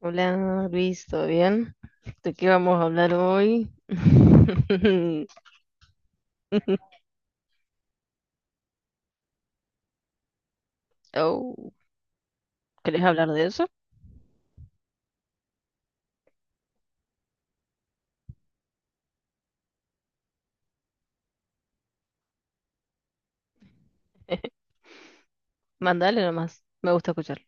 Hola Luis, ¿todo bien? ¿De qué vamos a hablar hoy? Oh, ¿querés hablar de eso? Mandale nomás, me gusta escuchar.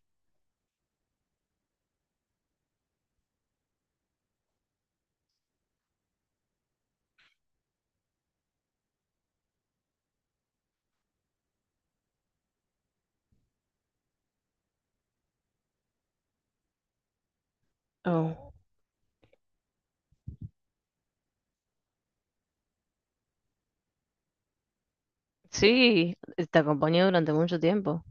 Oh, sí, te acompañé durante mucho tiempo.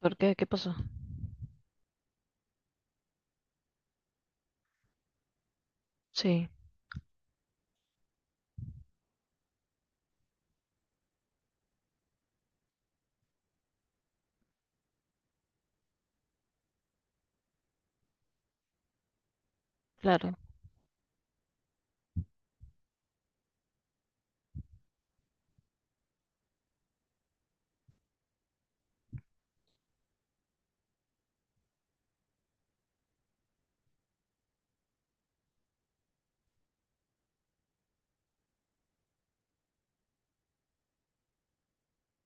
¿Por qué? ¿Qué pasó? Sí, claro.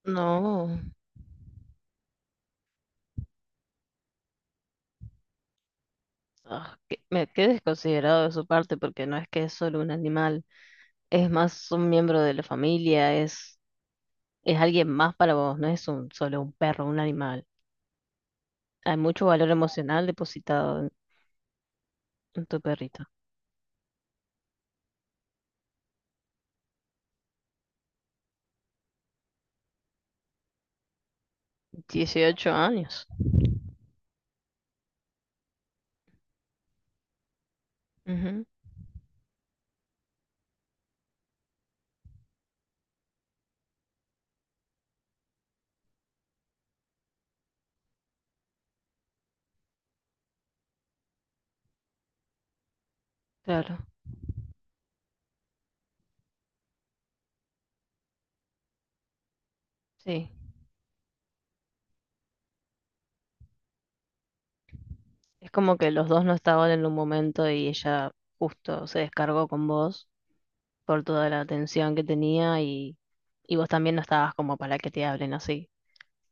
No, ah, me quedé desconsiderado de su parte porque no es que es solo un animal, es más un miembro de la familia, es alguien más para vos, no es solo un perro, un animal. Hay mucho valor emocional depositado tu perrito. 18 años. Ujú, claro, sí. Es como que los dos no estaban en un momento y ella justo se descargó con vos por toda la atención que tenía y vos también no estabas como para que te hablen así.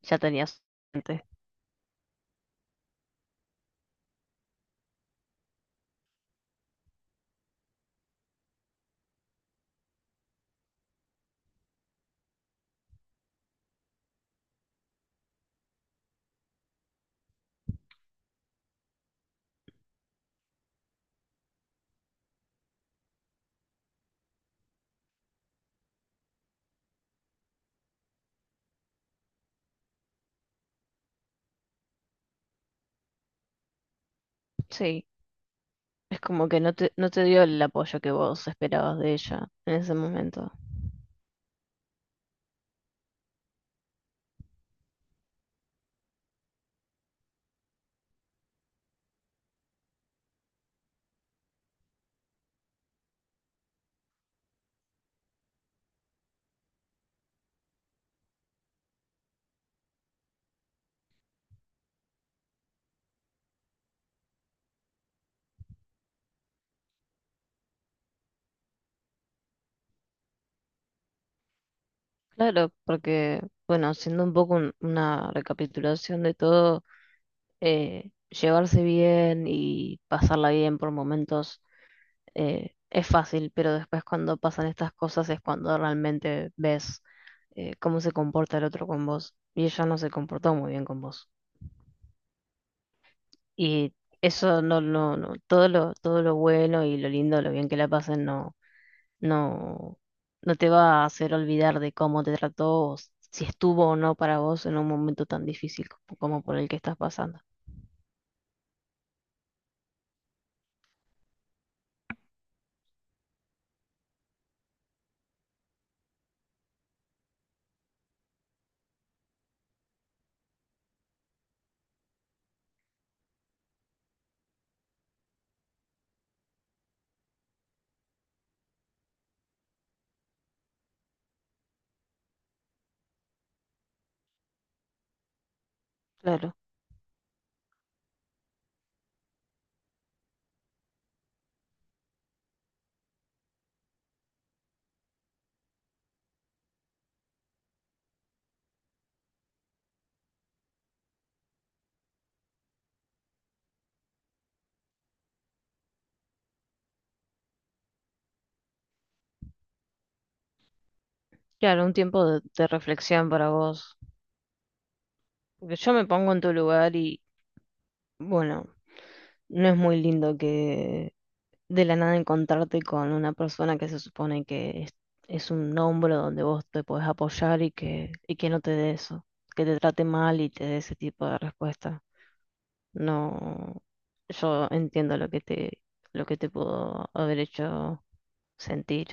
Ya tenías antes. Sí, es como que no te dio el apoyo que vos esperabas de ella en ese momento. Claro, porque, bueno, haciendo un poco una recapitulación de todo, llevarse bien y pasarla bien por momentos es fácil, pero después cuando pasan estas cosas es cuando realmente ves cómo se comporta el otro con vos. Y ella no se comportó muy bien con vos. Y eso no, todo lo bueno y lo lindo, lo bien que la pasen, no. No, no te va a hacer olvidar de cómo te trató, o si estuvo o no para vos en un momento tan difícil como por el que estás pasando. Claro, claro, un tiempo de reflexión para vos. Porque yo me pongo en tu lugar y bueno, no es muy lindo que de la nada encontrarte con una persona que se supone que es un hombro donde vos te podés apoyar y que no te dé eso, que te trate mal y te dé ese tipo de respuesta. No, yo entiendo lo que te pudo haber hecho sentir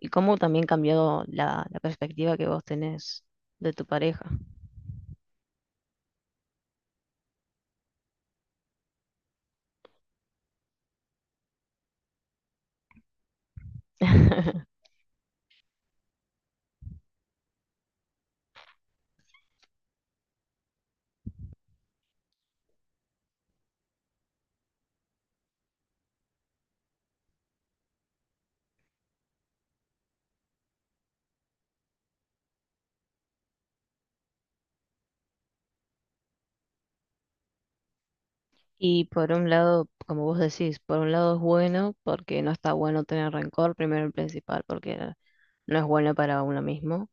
y cómo también cambiado la perspectiva que vos tenés de tu pareja. Y por un lado, como vos decís, por un lado es bueno porque no está bueno tener rencor, primero y principal, porque no es bueno para uno mismo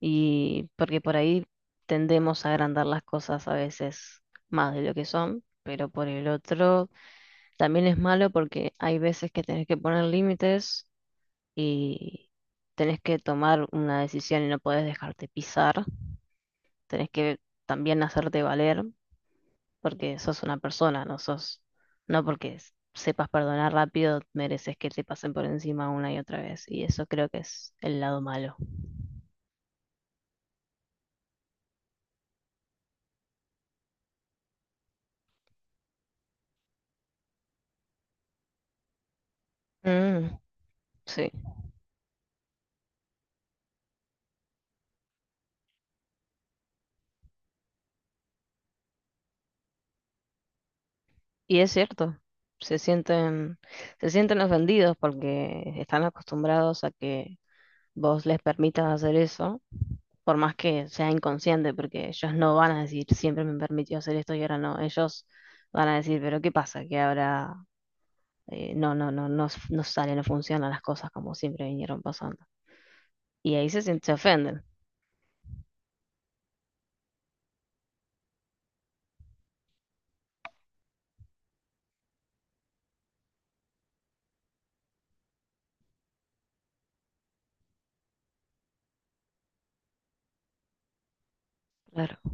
y porque por ahí tendemos a agrandar las cosas a veces más de lo que son, pero por el otro también es malo porque hay veces que tenés que poner límites y tenés que tomar una decisión y no podés dejarte pisar, tenés que también hacerte valer porque sos una persona, no sos, no porque sepas perdonar rápido, mereces que te pasen por encima una y otra vez. Y eso creo que es el lado malo. Mm, sí, y es cierto, se sienten, se sienten ofendidos porque están acostumbrados a que vos les permitas hacer eso, por más que sea inconsciente, porque ellos no van a decir siempre me permitió hacer esto y ahora no, ellos van a decir, pero ¿qué pasa? Que ahora no sale, no funcionan las cosas como siempre vinieron pasando. Y ahí se ofenden. Claro.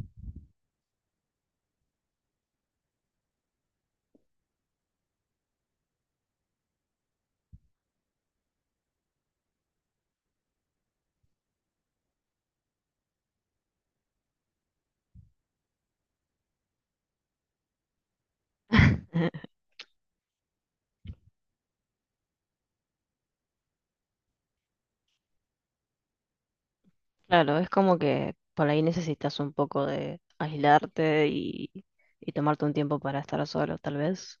Claro, es como que por ahí necesitas un poco de aislarte y tomarte un tiempo para estar solo, tal vez.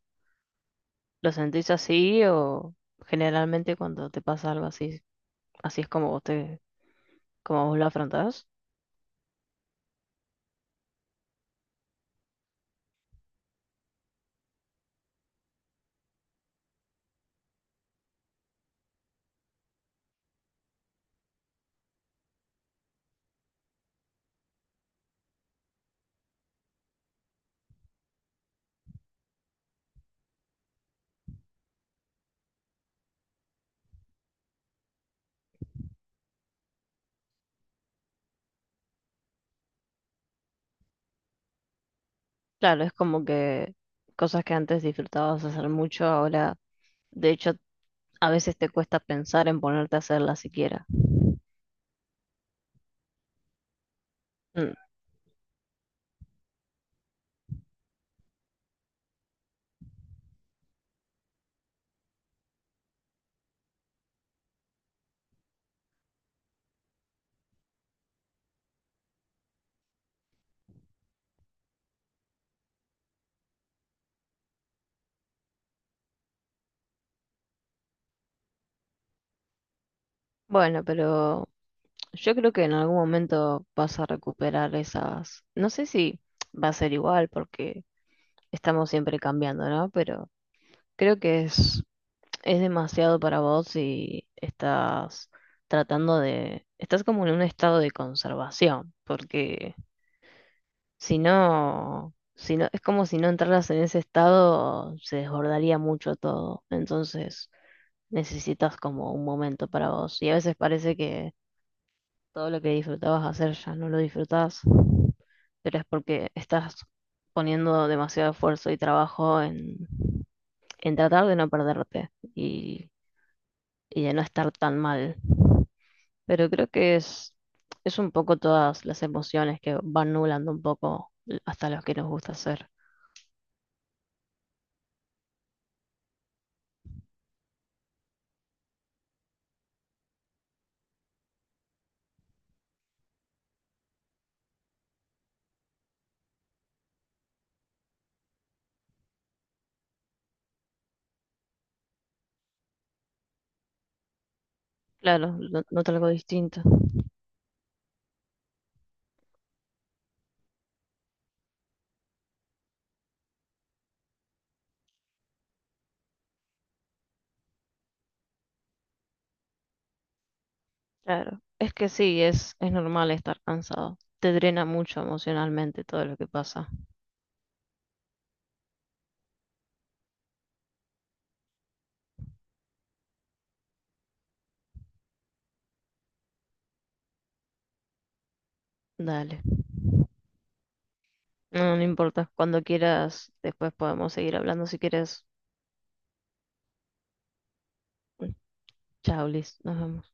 ¿Lo sentís así o generalmente cuando te pasa algo así, así es como vos lo afrontás? Claro, es como que cosas que antes disfrutabas hacer mucho, ahora de hecho a veces te cuesta pensar en ponerte a hacerlas siquiera. Mm. Bueno, pero yo creo que en algún momento vas a recuperar esas. No sé si va a ser igual porque estamos siempre cambiando, ¿no? Pero creo que es, demasiado para vos y estás tratando de. Estás como en un estado de conservación, porque si no, si no, es como si no entraras en ese estado, se desbordaría mucho todo. Entonces necesitas como un momento para vos. Y a veces parece que todo lo que disfrutabas hacer ya no lo disfrutás. Pero es porque estás poniendo demasiado esfuerzo y trabajo en tratar de no perderte y, y de no estar tan mal. Pero creo que es, un poco todas las emociones que van nublando un poco hasta los que nos gusta hacer. Claro, noto algo distinto. Claro, es que sí, es normal estar cansado. Te drena mucho emocionalmente todo lo que pasa. Dale. No, no importa. Cuando quieras, después podemos seguir hablando si quieres. Chao, Liz. Nos vemos.